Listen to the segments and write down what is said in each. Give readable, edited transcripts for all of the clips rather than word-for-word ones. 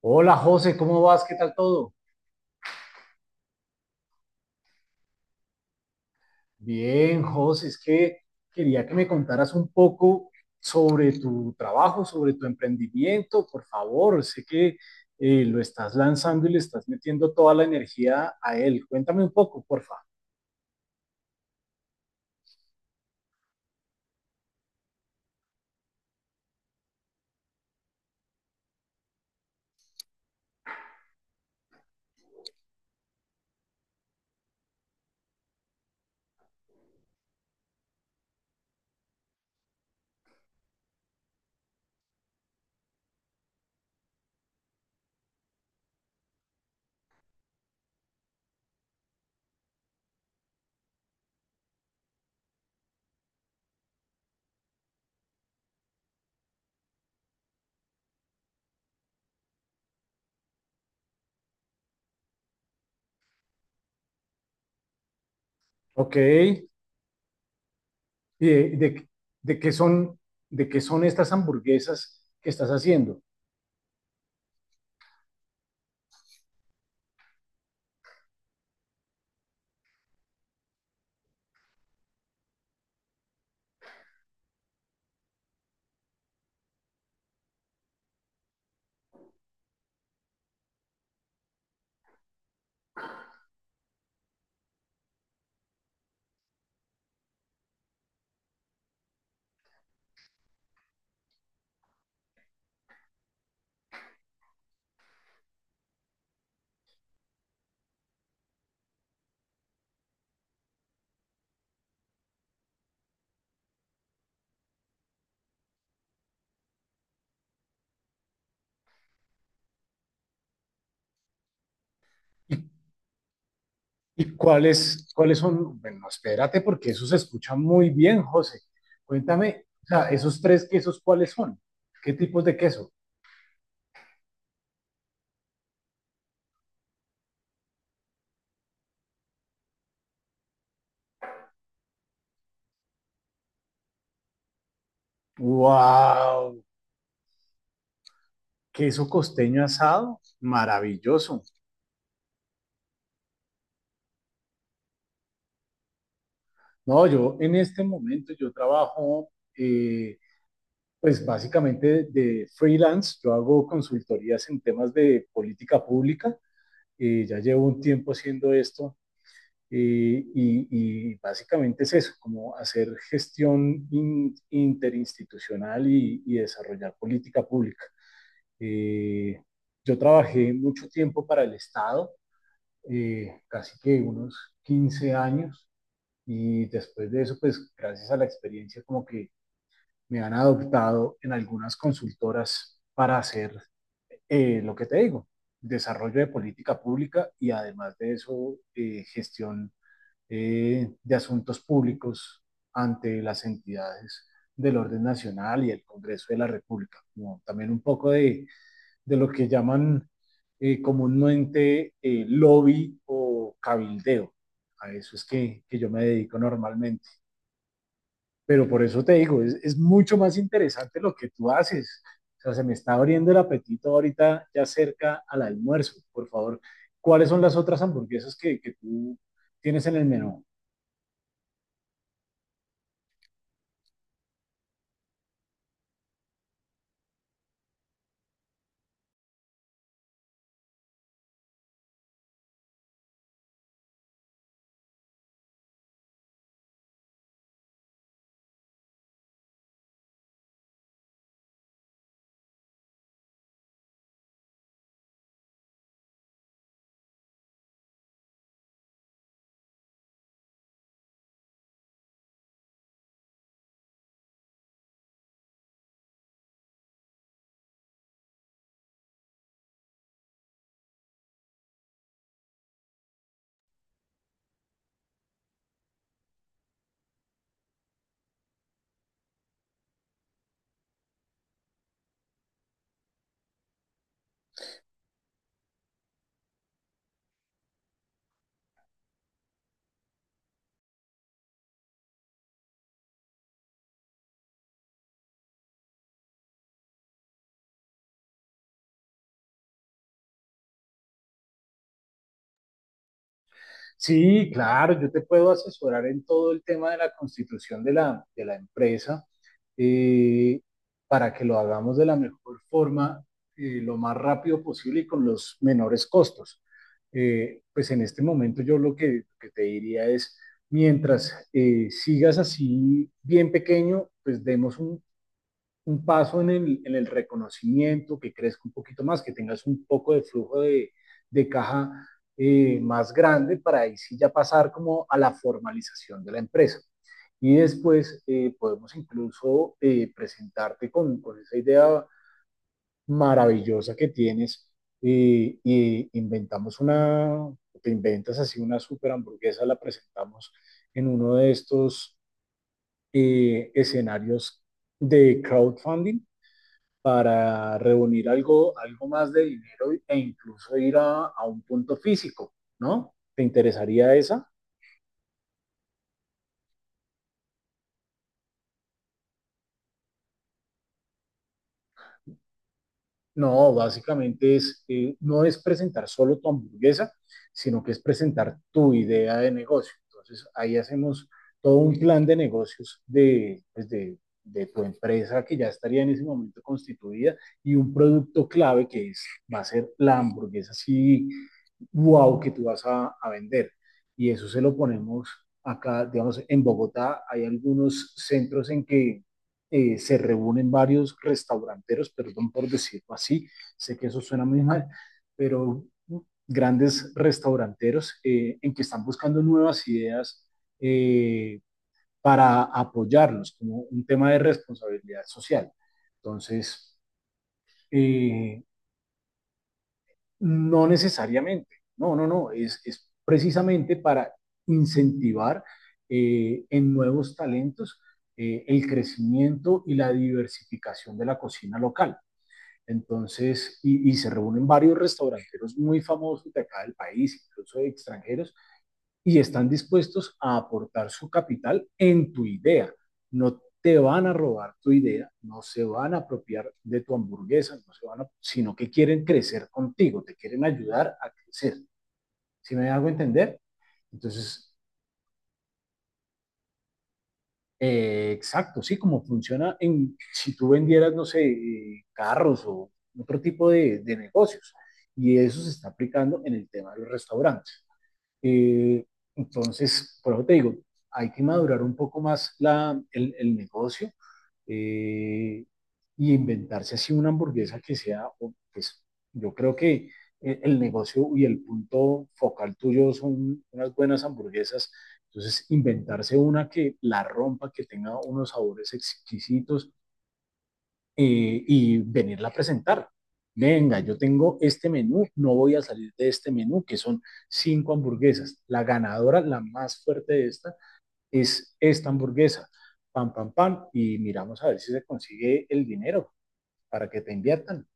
Hola José, ¿cómo vas? ¿Qué tal todo? Bien, José, es que quería que me contaras un poco sobre tu trabajo, sobre tu emprendimiento, por favor. Sé que lo estás lanzando y le estás metiendo toda la energía a él. Cuéntame un poco, porfa. Ok, ¿y de, de- de qué son, de qué son estas hamburguesas que estás haciendo? ¿Y cuáles son? Bueno, espérate, porque eso se escucha muy bien, José. Cuéntame, o sea, esos tres quesos, ¿cuáles son? ¿Qué tipos de queso? ¡Wow! Queso costeño asado, maravilloso. No, yo en este momento yo trabajo, eh, pues básicamente de freelance, yo hago consultorías en temas de política pública, ya llevo un tiempo haciendo esto. Básicamente es eso, como hacer gestión interinstitucional y desarrollar política pública. Eh, yo trabajé mucho tiempo para el Estado, casi que unos 15 años, y después de eso, pues gracias a la experiencia, como que me han adoptado en algunas consultoras para hacer lo que te digo, desarrollo de política pública y además de eso, gestión de asuntos públicos ante las entidades del orden nacional y el Congreso de la República, como también un poco de lo que llaman comúnmente lobby o cabildeo. A eso es que yo me dedico normalmente. Pero por eso te digo, es mucho más interesante lo que tú haces. O sea, se me está abriendo el apetito ahorita ya cerca al almuerzo. Por favor, ¿cuáles son las otras hamburguesas que tú tienes en el menú? Sí, claro, yo te puedo asesorar en todo el tema de la constitución de de la empresa, eh, para que lo hagamos de la mejor forma, lo más rápido posible y con los menores costos. Pues en este momento yo lo que te diría es, mientras sigas así bien pequeño, pues demos un paso en en el reconocimiento, que crezca un poquito más, que tengas un poco de flujo de caja más grande para ahí sí ya pasar como a la formalización de la empresa. Y después podemos incluso presentarte con esa idea maravillosa que tienes, y inventamos te inventas así una super hamburguesa, la presentamos en uno de estos escenarios de crowdfunding para reunir algo, algo más de dinero e incluso ir a un punto físico, ¿no? ¿Te interesaría esa? No, básicamente no es presentar solo tu hamburguesa, sino que es presentar tu idea de negocio. Entonces, ahí hacemos todo un plan de negocios de, pues, de tu empresa que ya estaría en ese momento constituida y un producto clave que es, va a ser la hamburguesa así, wow, que tú vas a vender. Y eso se lo ponemos acá, digamos, en Bogotá hay algunos centros en que se reúnen varios restauranteros, perdón por decirlo así, sé que eso suena muy mal, pero grandes restauranteros en que están buscando nuevas ideas eh, para apoyarlos como un tema de responsabilidad social. Entonces, eh, no necesariamente, no, no, no, es precisamente para incentivar en nuevos talentos el crecimiento y la diversificación de la cocina local. Entonces, y se reúnen varios restauranteros muy famosos de acá del país, incluso de extranjeros, y están dispuestos a aportar su capital en tu idea. No te van a robar tu idea, no se van a apropiar de tu hamburguesa, no se van a, sino que quieren crecer contigo, te quieren ayudar a crecer. ¿Sí me hago entender? Entonces, exacto, sí, como funciona en, si tú vendieras, no sé, carros o otro tipo de negocios. Y eso se está aplicando en el tema de los restaurantes. Eh, entonces, por eso te digo, hay que madurar un poco más el negocio, eh, y inventarse así una hamburguesa que sea, o, pues yo creo que el negocio y el punto focal tuyo son unas buenas hamburguesas. Entonces, inventarse una que la rompa, que tenga unos sabores exquisitos, y venirla a presentar. Venga, yo tengo este menú, no voy a salir de este menú, que son 5 hamburguesas. La ganadora, la más fuerte de esta, es esta hamburguesa. Pam, pam, pam. Y miramos a ver si se consigue el dinero para que te inviertan.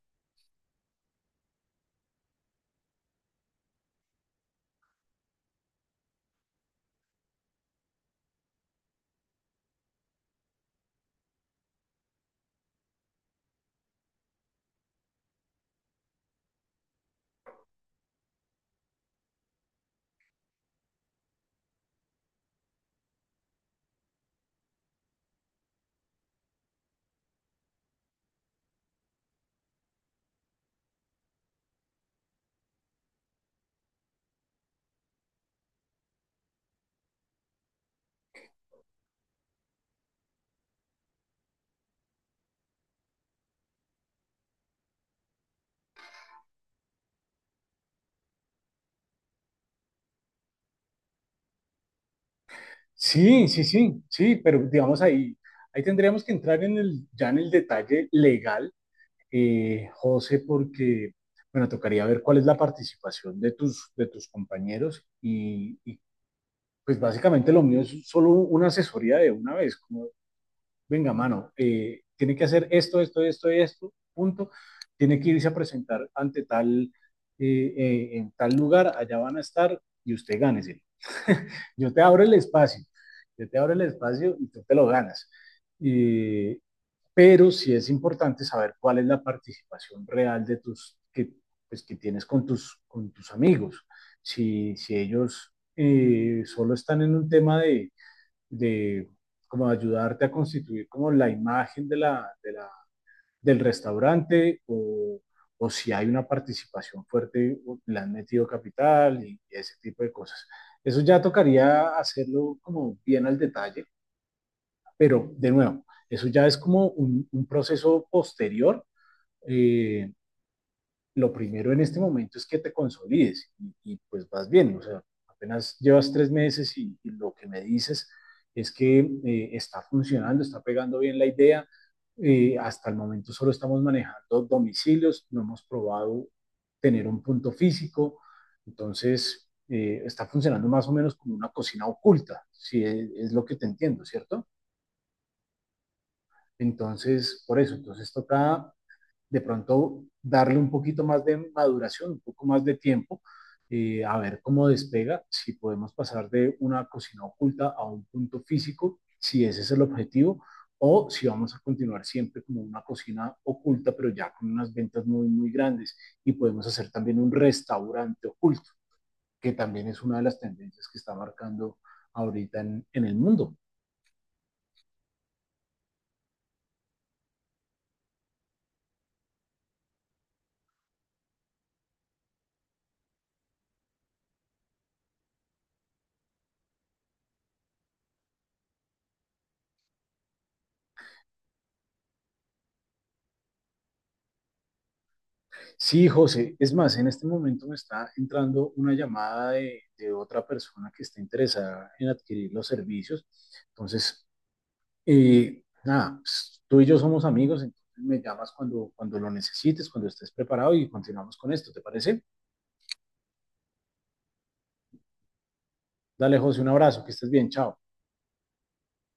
Sí, sí, sí, sí, pero digamos ahí tendríamos que entrar en ya en el detalle legal, José, porque, bueno, tocaría ver cuál es la participación de tus compañeros y. Pues básicamente lo mío es solo una asesoría de una vez, como, venga, mano, tiene que hacer esto, esto, esto, esto, punto. Tiene que irse a presentar ante tal, en tal lugar, allá van a estar y usted gánese. yo te abro el espacio, yo te abro el espacio y tú te lo ganas. Y, pero sí es importante saber cuál es la participación real pues, que tienes con tus amigos. Si ellos solo están en un tema de como ayudarte a constituir como la imagen del restaurante o, si hay una participación fuerte, le han metido capital y ese tipo de cosas. Eso ya tocaría hacerlo como bien al detalle, pero, de nuevo, eso ya es como un proceso posterior. Eh, lo primero en este momento es que te consolides y pues vas bien. O sea, apenas llevas 3 meses y lo que me dices es que está funcionando, está pegando bien la idea. Hasta el momento solo estamos manejando domicilios, no hemos probado tener un punto físico, entonces está funcionando más o menos como una cocina oculta, si es, es lo que te entiendo, ¿cierto? Entonces, por eso, entonces toca de pronto darle un poquito más de maduración, un poco más de tiempo, a ver cómo despega, si podemos pasar de una cocina oculta a un punto físico, si ese es el objetivo, o si vamos a continuar siempre como una cocina oculta, pero ya con unas ventas muy, muy grandes, y podemos hacer también un restaurante oculto, que también es una de las tendencias que está marcando ahorita en el mundo. Sí, José, es más, en este momento me está entrando una llamada de otra persona que está interesada en adquirir los servicios. Entonces, nada, pues, tú y yo somos amigos, entonces me llamas cuando lo necesites, cuando estés preparado y continuamos con esto, ¿te parece? Dale, José, un abrazo, que estés bien, chao.